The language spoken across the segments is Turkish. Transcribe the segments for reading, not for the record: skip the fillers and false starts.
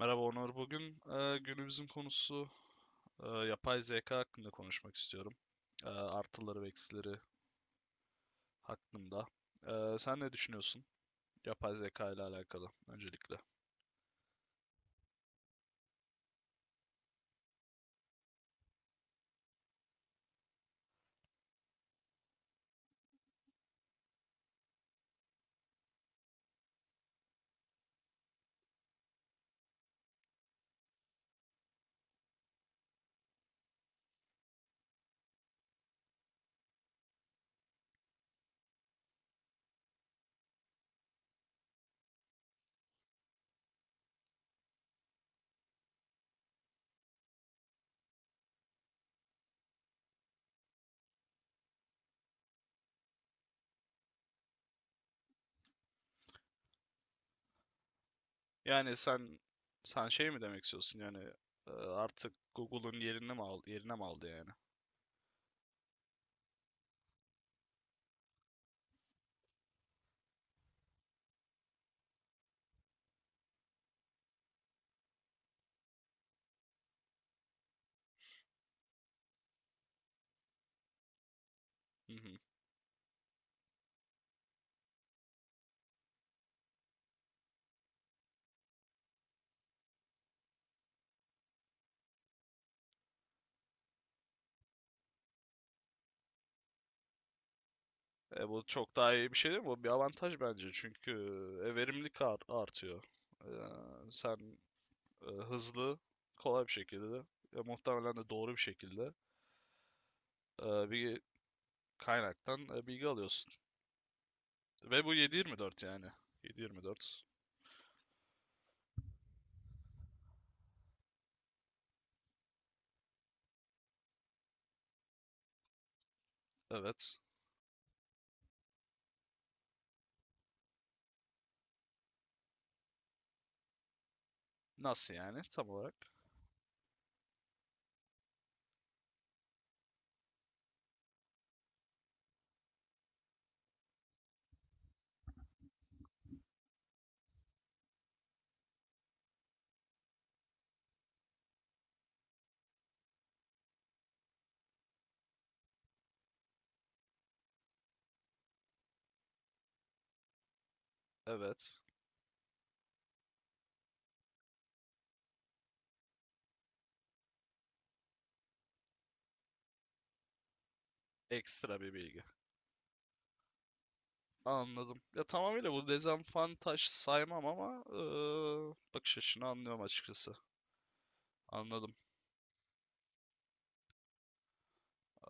Merhaba Onur. Bugün günümüzün konusu yapay zeka hakkında konuşmak istiyorum. Artıları ve eksileri hakkında. Sen ne düşünüyorsun yapay zeka ile alakalı öncelikle? Yani sen şey mi demek istiyorsun? Yani artık Google'un yerini mi aldı, yerine mi aldı yani? Hı hı. Bu çok daha iyi bir şey değil mi? Bu bir avantaj bence çünkü verimlilik artıyor. E, Sen hızlı, kolay bir şekilde ve muhtemelen de doğru bir şekilde bir kaynaktan bilgi alıyorsun. Ve bu 724 yani. 724. Evet. Nasıl yani tam olarak? Evet. Ekstra bir bilgi. Anladım. Ya tamamıyla bu dezavantaj saymam ama bakış açını anlıyorum açıkçası. Anladım.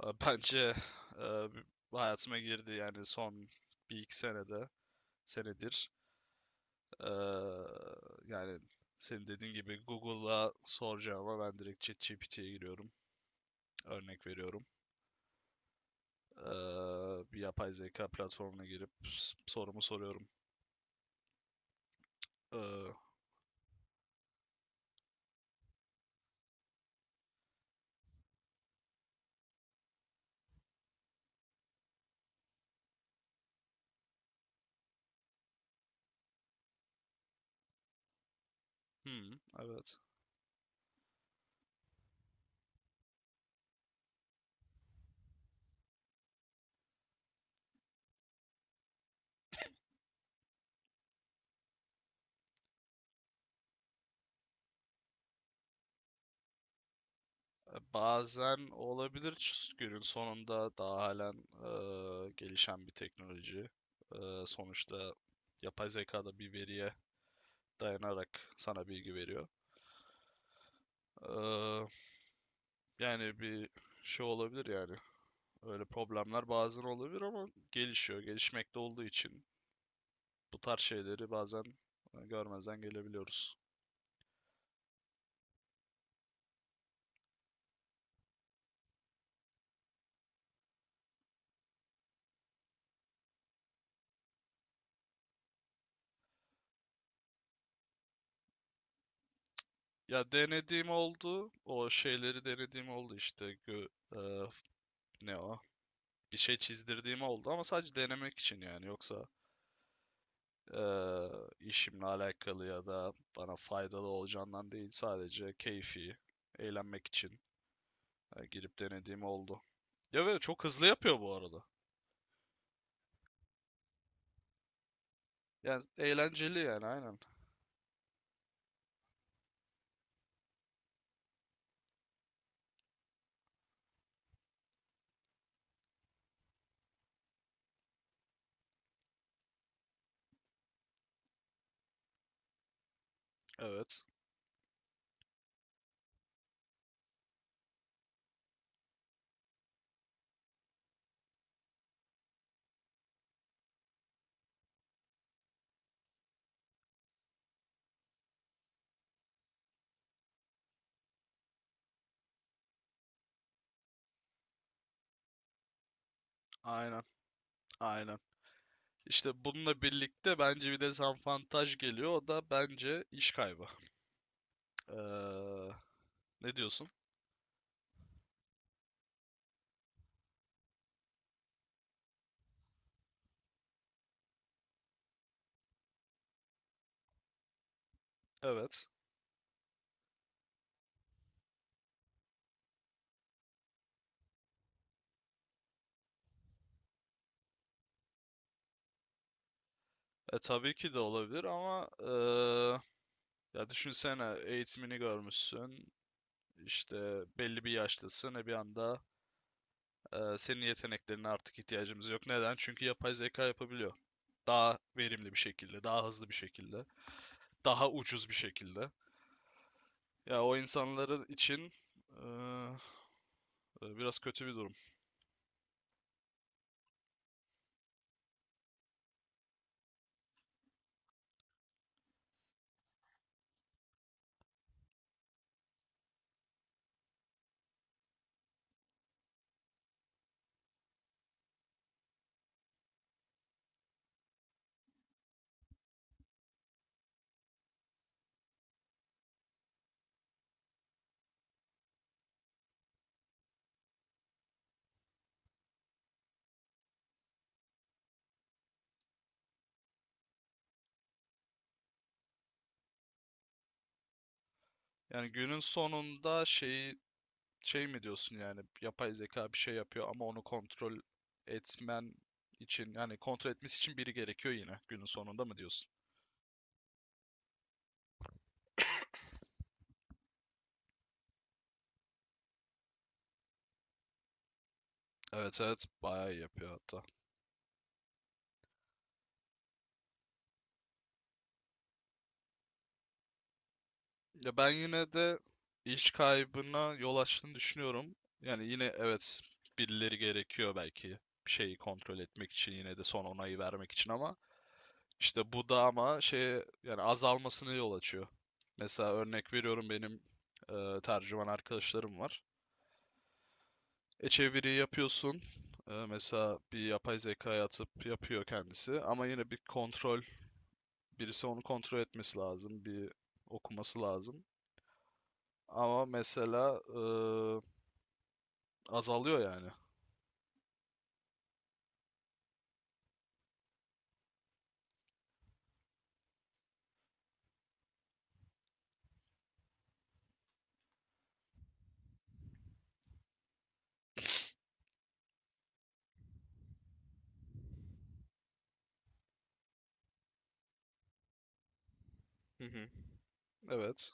Bence e, hayatıma girdi yani son bir iki senedir. E, Yani senin dediğin gibi Google'a soracağıma ben direkt ChatGPT'ye giriyorum. Örnek veriyorum. Bir yapay zeka platformuna girip sorumu soruyorum. Eee, hmm, evet. Bazen olabilir günün sonunda daha halen gelişen bir teknoloji. Sonuçta yapay zeka da bir veriye dayanarak sana bilgi veriyor. Eee, Yani bir şey olabilir yani. Öyle problemler bazen olabilir ama gelişiyor. Gelişmekte olduğu için bu tarz şeyleri bazen görmezden gelebiliyoruz. Ya denediğim oldu. O şeyleri denediğim oldu işte. Eee, ne o? Bir şey çizdirdiğim oldu ama sadece denemek için yani. Yoksa eee, işimle alakalı ya da bana faydalı olacağından değil. Sadece keyfi, eğlenmek için girip denediğim oldu. Ya ve çok hızlı yapıyor bu arada. Yani eğlenceli yani aynen. Evet. Aynen. Aynen. İşte bununla birlikte bence bir de dezavantaj geliyor. O da bence iş kaybı. Eee, ne diyorsun? Evet. Tabii ki de olabilir ama ya düşünsene eğitimini görmüşsün. İşte belli bir yaşlısın ve bir anda senin yeteneklerine artık ihtiyacımız yok. Neden? Çünkü yapay zeka yapabiliyor. Daha verimli bir şekilde, daha hızlı bir şekilde, daha ucuz bir şekilde. Ya o insanların için e, biraz kötü bir durum. Yani günün sonunda şey mi diyorsun yani yapay zeka bir şey yapıyor ama onu kontrol etmen için yani kontrol etmesi için biri gerekiyor yine günün sonunda mı diyorsun? Evet evet bayağı iyi yapıyor hatta. Ya ben yine de iş kaybına yol açtığını düşünüyorum. Yani yine evet birileri gerekiyor belki bir şeyi kontrol etmek için yine de son onayı vermek için ama işte bu da ama şeye yani azalmasına yol açıyor. Mesela örnek veriyorum benim tercüman arkadaşlarım var. E çeviri yapıyorsun. Mesela bir yapay zekaya atıp yapıyor kendisi. Ama yine bir kontrol, birisi onu kontrol etmesi lazım. Bir okuması lazım. Ama mesela azalıyor yani. Hı hı. Evet,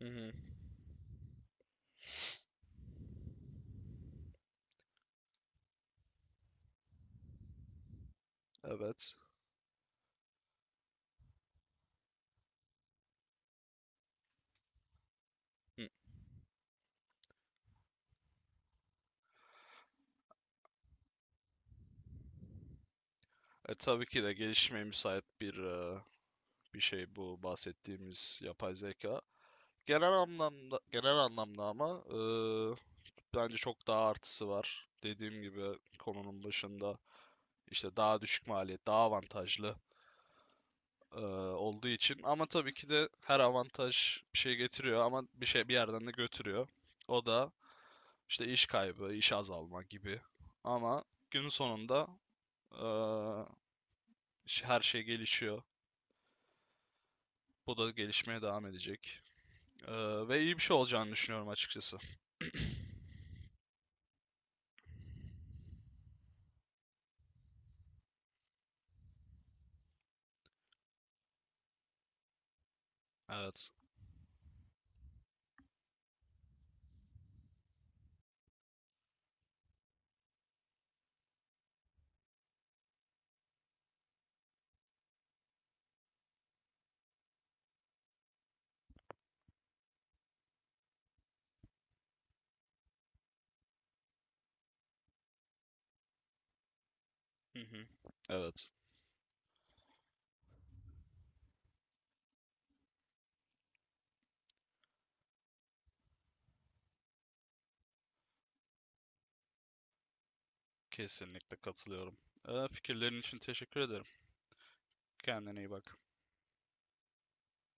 Hı hı. evet. Hı. Tabii ki de gelişmeye müsait bir bir şey bu bahsettiğimiz yapay zeka. Genel anlamda ama bence çok daha artısı var. Dediğim gibi konunun başında işte daha düşük maliyet, daha avantajlı e, olduğu için. Ama tabii ki de her avantaj bir şey getiriyor ama bir şey bir yerden de götürüyor. O da işte iş kaybı, iş azalma gibi. Ama günün sonunda e, her şey gelişiyor. Bu da gelişmeye devam edecek. E, ve iyi bir şey olacağını düşünüyorum açıkçası. Evet. Hı hı. Evet. Kesinlikle katılıyorum. Fikirlerin için teşekkür ederim. Kendine iyi bak.